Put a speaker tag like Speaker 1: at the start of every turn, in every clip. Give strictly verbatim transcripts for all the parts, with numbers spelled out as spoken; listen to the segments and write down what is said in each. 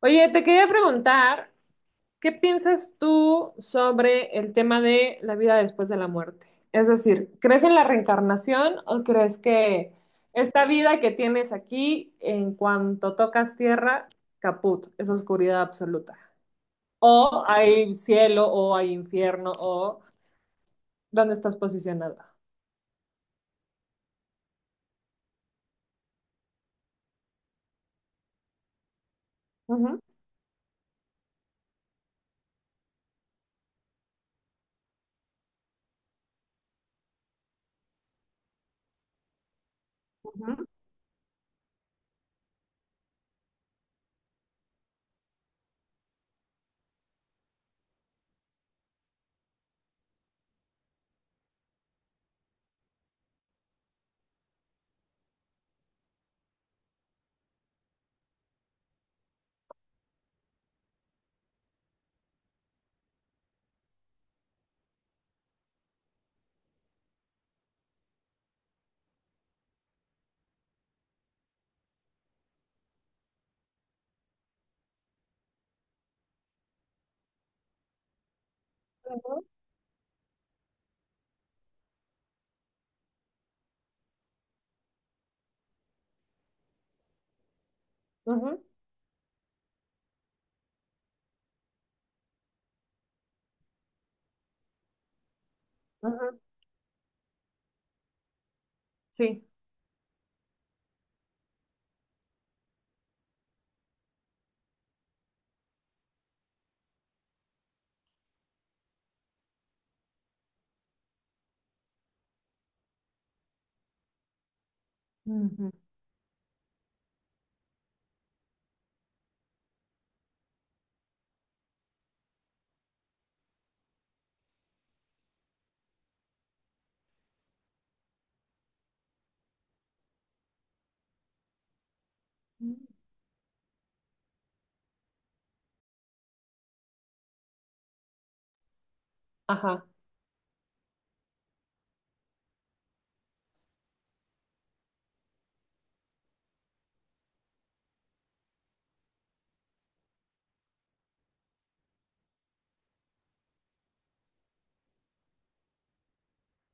Speaker 1: Oye, te quería preguntar, ¿qué piensas tú sobre el tema de la vida después de la muerte? Es decir, ¿crees en la reencarnación o crees que esta vida que tienes aquí, en cuanto tocas tierra, caput, es oscuridad absoluta? ¿O hay cielo o hay infierno o dónde estás posicionado? Ujú, ujú, ujú, ujú, ujú. Sí. Ujú. Ajá.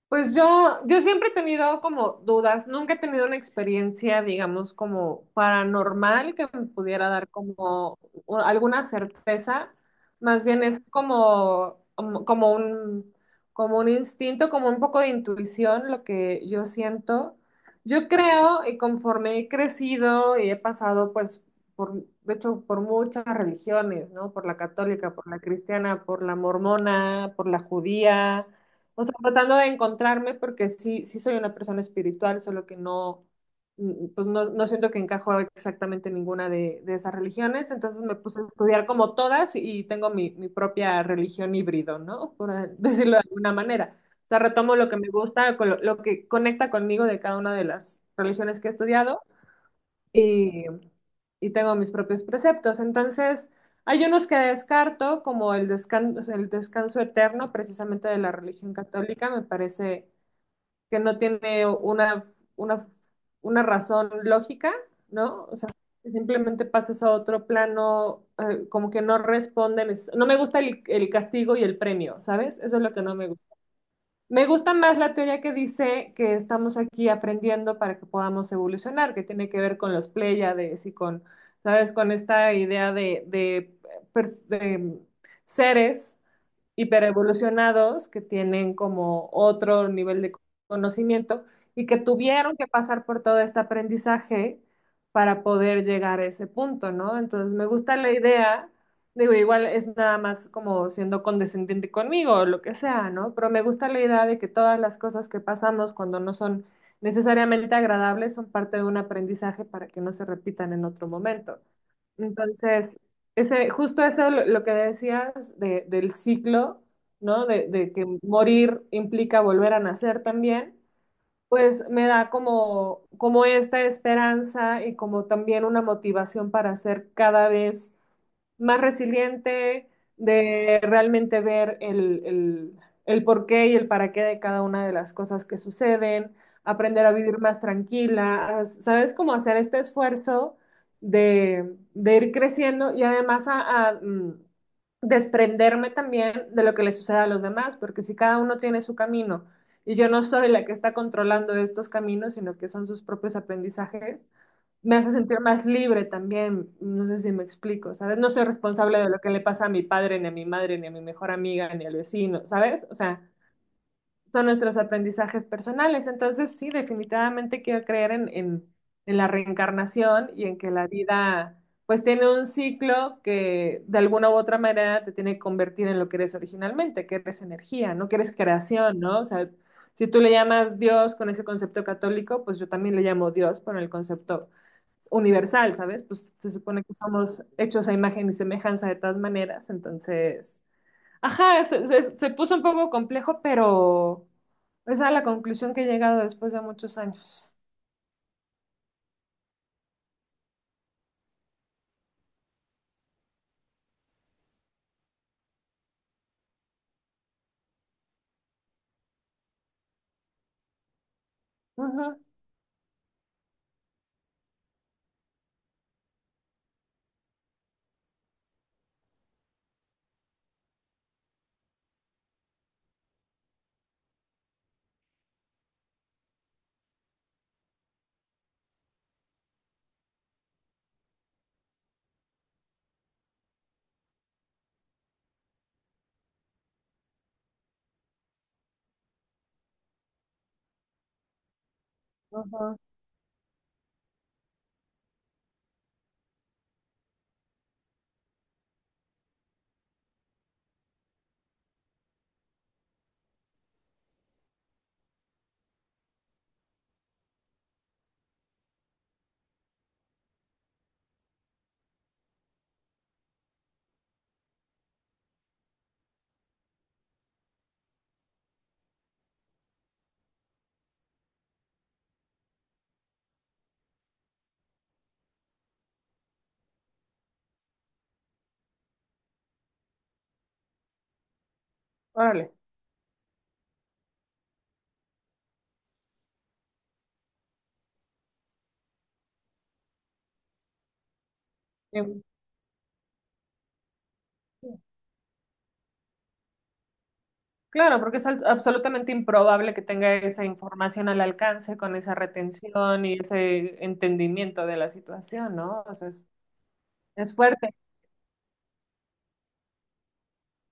Speaker 1: Pues yo, yo siempre he tenido como dudas, nunca he tenido una experiencia, digamos, como paranormal que me pudiera dar como u- alguna certeza, más bien es como, como como un, como un instinto, como un poco de intuición, lo que yo siento. Yo creo, y conforme he crecido y he pasado, pues, por, de hecho, por muchas religiones, ¿no? Por la católica, por la cristiana, por la mormona, por la judía. O sea, tratando de encontrarme porque sí, sí soy una persona espiritual, solo que no, mm, pues no, no siento que encajo exactamente en ninguna de, de esas religiones. Entonces me puse a estudiar como todas y tengo mi, mi propia religión híbrido, ¿no? Por eh, decirlo de alguna manera. O sea, retomo lo que me gusta, con lo, lo que conecta conmigo de cada una de las religiones que he estudiado y, y tengo mis propios preceptos. Entonces, hay unos que descarto, como el descanso, el descanso eterno, precisamente de la religión católica, me parece que no tiene una, una, una razón lógica, ¿no? O sea, simplemente pasas a otro plano, eh, como que no responden. es- No me gusta el, el castigo y el premio, ¿sabes? Eso es lo que no me gusta. Me gusta más la teoría que dice que estamos aquí aprendiendo para que podamos evolucionar, que tiene que ver con los pléyades y con, ¿sabes? Con esta idea de, de, pers- de seres hiperevolucionados que tienen como otro nivel de conocimiento y que tuvieron que pasar por todo este aprendizaje para poder llegar a ese punto, ¿no? Entonces me gusta la idea, digo, igual es nada más como siendo condescendiente conmigo o lo que sea, ¿no? Pero me gusta la idea de que todas las cosas que pasamos cuando no son necesariamente agradables son parte de un aprendizaje para que no se repitan en otro momento. Entonces, ese, justo eso lo, lo que decías de- del ciclo, ¿no? De, de que morir implica volver a nacer también, pues me da como, como esta esperanza y como también una motivación para hacer cada vez más resiliente, de realmente ver el, el, el porqué y el para qué de cada una de las cosas que suceden, aprender a vivir más tranquila, a- ¿sabes? Cómo hacer este esfuerzo de, de ir creciendo y además a, a, mm, desprenderme también de lo que le sucede a los demás, porque si cada uno tiene su camino y yo no soy la que está controlando estos caminos, sino que son sus propios aprendizajes, me hace sentir más libre también, no sé si me explico, ¿sabes? No soy responsable de lo que le pasa a mi padre, ni a mi madre, ni a mi mejor amiga, ni al vecino, ¿sabes? O sea, son nuestros aprendizajes personales. Entonces, sí, definitivamente quiero creer en, en- en la reencarnación y en que la vida, pues, tiene un ciclo que de alguna u otra manera te tiene que convertir en lo que eres originalmente, que eres energía, ¿no? Que eres creación, ¿no? O sea, si tú le llamas Dios con ese concepto católico, pues yo también le llamo Dios con el concepto universal, ¿sabes? Pues se supone que somos hechos a imagen y semejanza de todas maneras, entonces... Ajá, se, se- se puso un poco complejo, pero esa es a la conclusión que he llegado después de muchos años. Ajá, ajá. Órale. Bien. Claro, porque es al- absolutamente improbable que tenga esa información al alcance con esa retención y ese entendimiento de la situación, ¿no? O sea, es, es fuerte,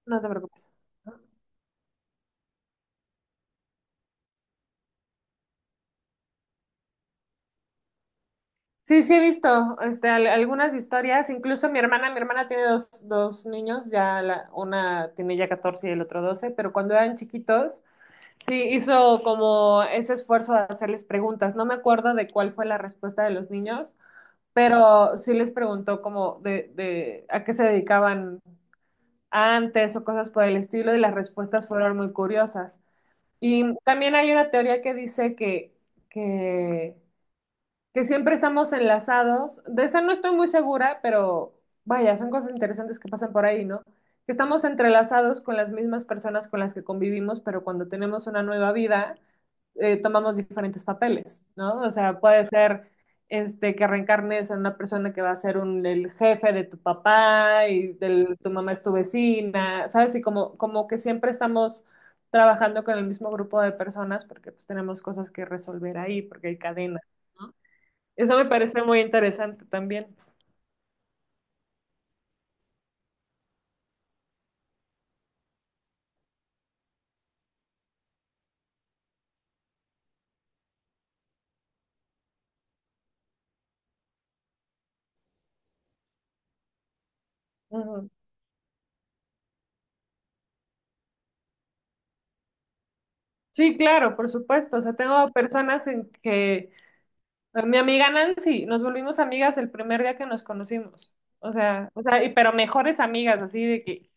Speaker 1: no te preocupes. Sí, sí he visto este, al- algunas historias, incluso mi hermana, mi hermana tiene dos, dos niños, ya la- una tiene ya catorce y el otro doce, pero cuando eran chiquitos. Sí, hizo como ese esfuerzo de hacerles preguntas. No me acuerdo de cuál fue la respuesta de los niños, pero sí les preguntó como de, de a qué se dedicaban antes o cosas por el estilo y las respuestas fueron muy curiosas. Y también hay una teoría que dice que, que que siempre estamos enlazados. De esa no estoy muy segura, pero vaya, son cosas interesantes que pasan por ahí, ¿no? Que estamos entrelazados con las mismas personas con las que convivimos, pero cuando tenemos una nueva vida, eh, tomamos diferentes papeles, ¿no? O sea, puede ser este, que reencarnes en una persona que va a ser un, el jefe de tu papá y del, tu mamá es tu vecina, ¿sabes? Y como, como que siempre estamos trabajando con el mismo grupo de personas porque pues tenemos cosas que resolver ahí, porque hay cadenas, ¿no? Eso me parece muy interesante también. Ujú. Sí, claro, por supuesto. O sea, tengo personas en que pues, mi amiga Nancy, nos volvimos amigas el primer día que nos conocimos. O sea, o sea, y, pero mejores amigas, así de que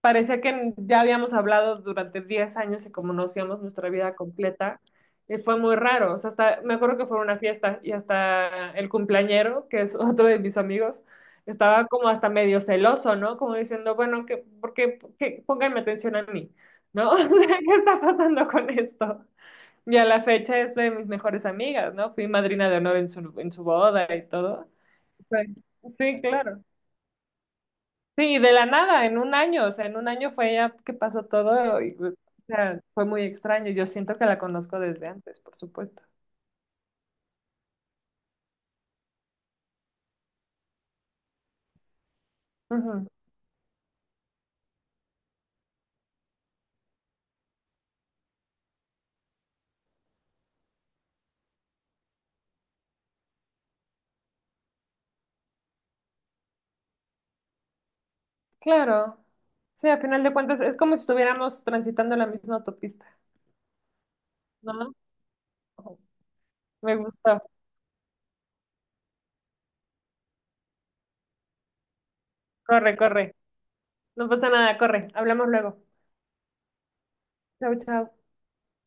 Speaker 1: parecía que ya habíamos hablado durante diez años y como conocíamos nuestra vida completa, y fue muy raro. O sea, hasta, me acuerdo que fue una fiesta y hasta el cumpleañero, que es otro de mis amigos, estaba como hasta medio celoso, ¿no? Como diciendo, bueno, que, ¿por qué, qué- pónganme atención a mí, ¿no? O sea, ¿qué está pasando con esto? Y a la fecha es de mis mejores amigas, ¿no? Fui madrina de honor en su, en su boda y todo. Fue- Sí, claro. Sí, de la nada, en un año, o sea, en un año fue ya que pasó todo y o sea, fue muy extraño. Yo siento que la conozco desde antes, por supuesto. Ujú. Claro. Sí, a final de cuentas es como si estuviéramos transitando la misma autopista, ¿no? Ujú. Me gustó. Corre, corre. No pasa nada, corre. Hablamos luego. Chao, chao.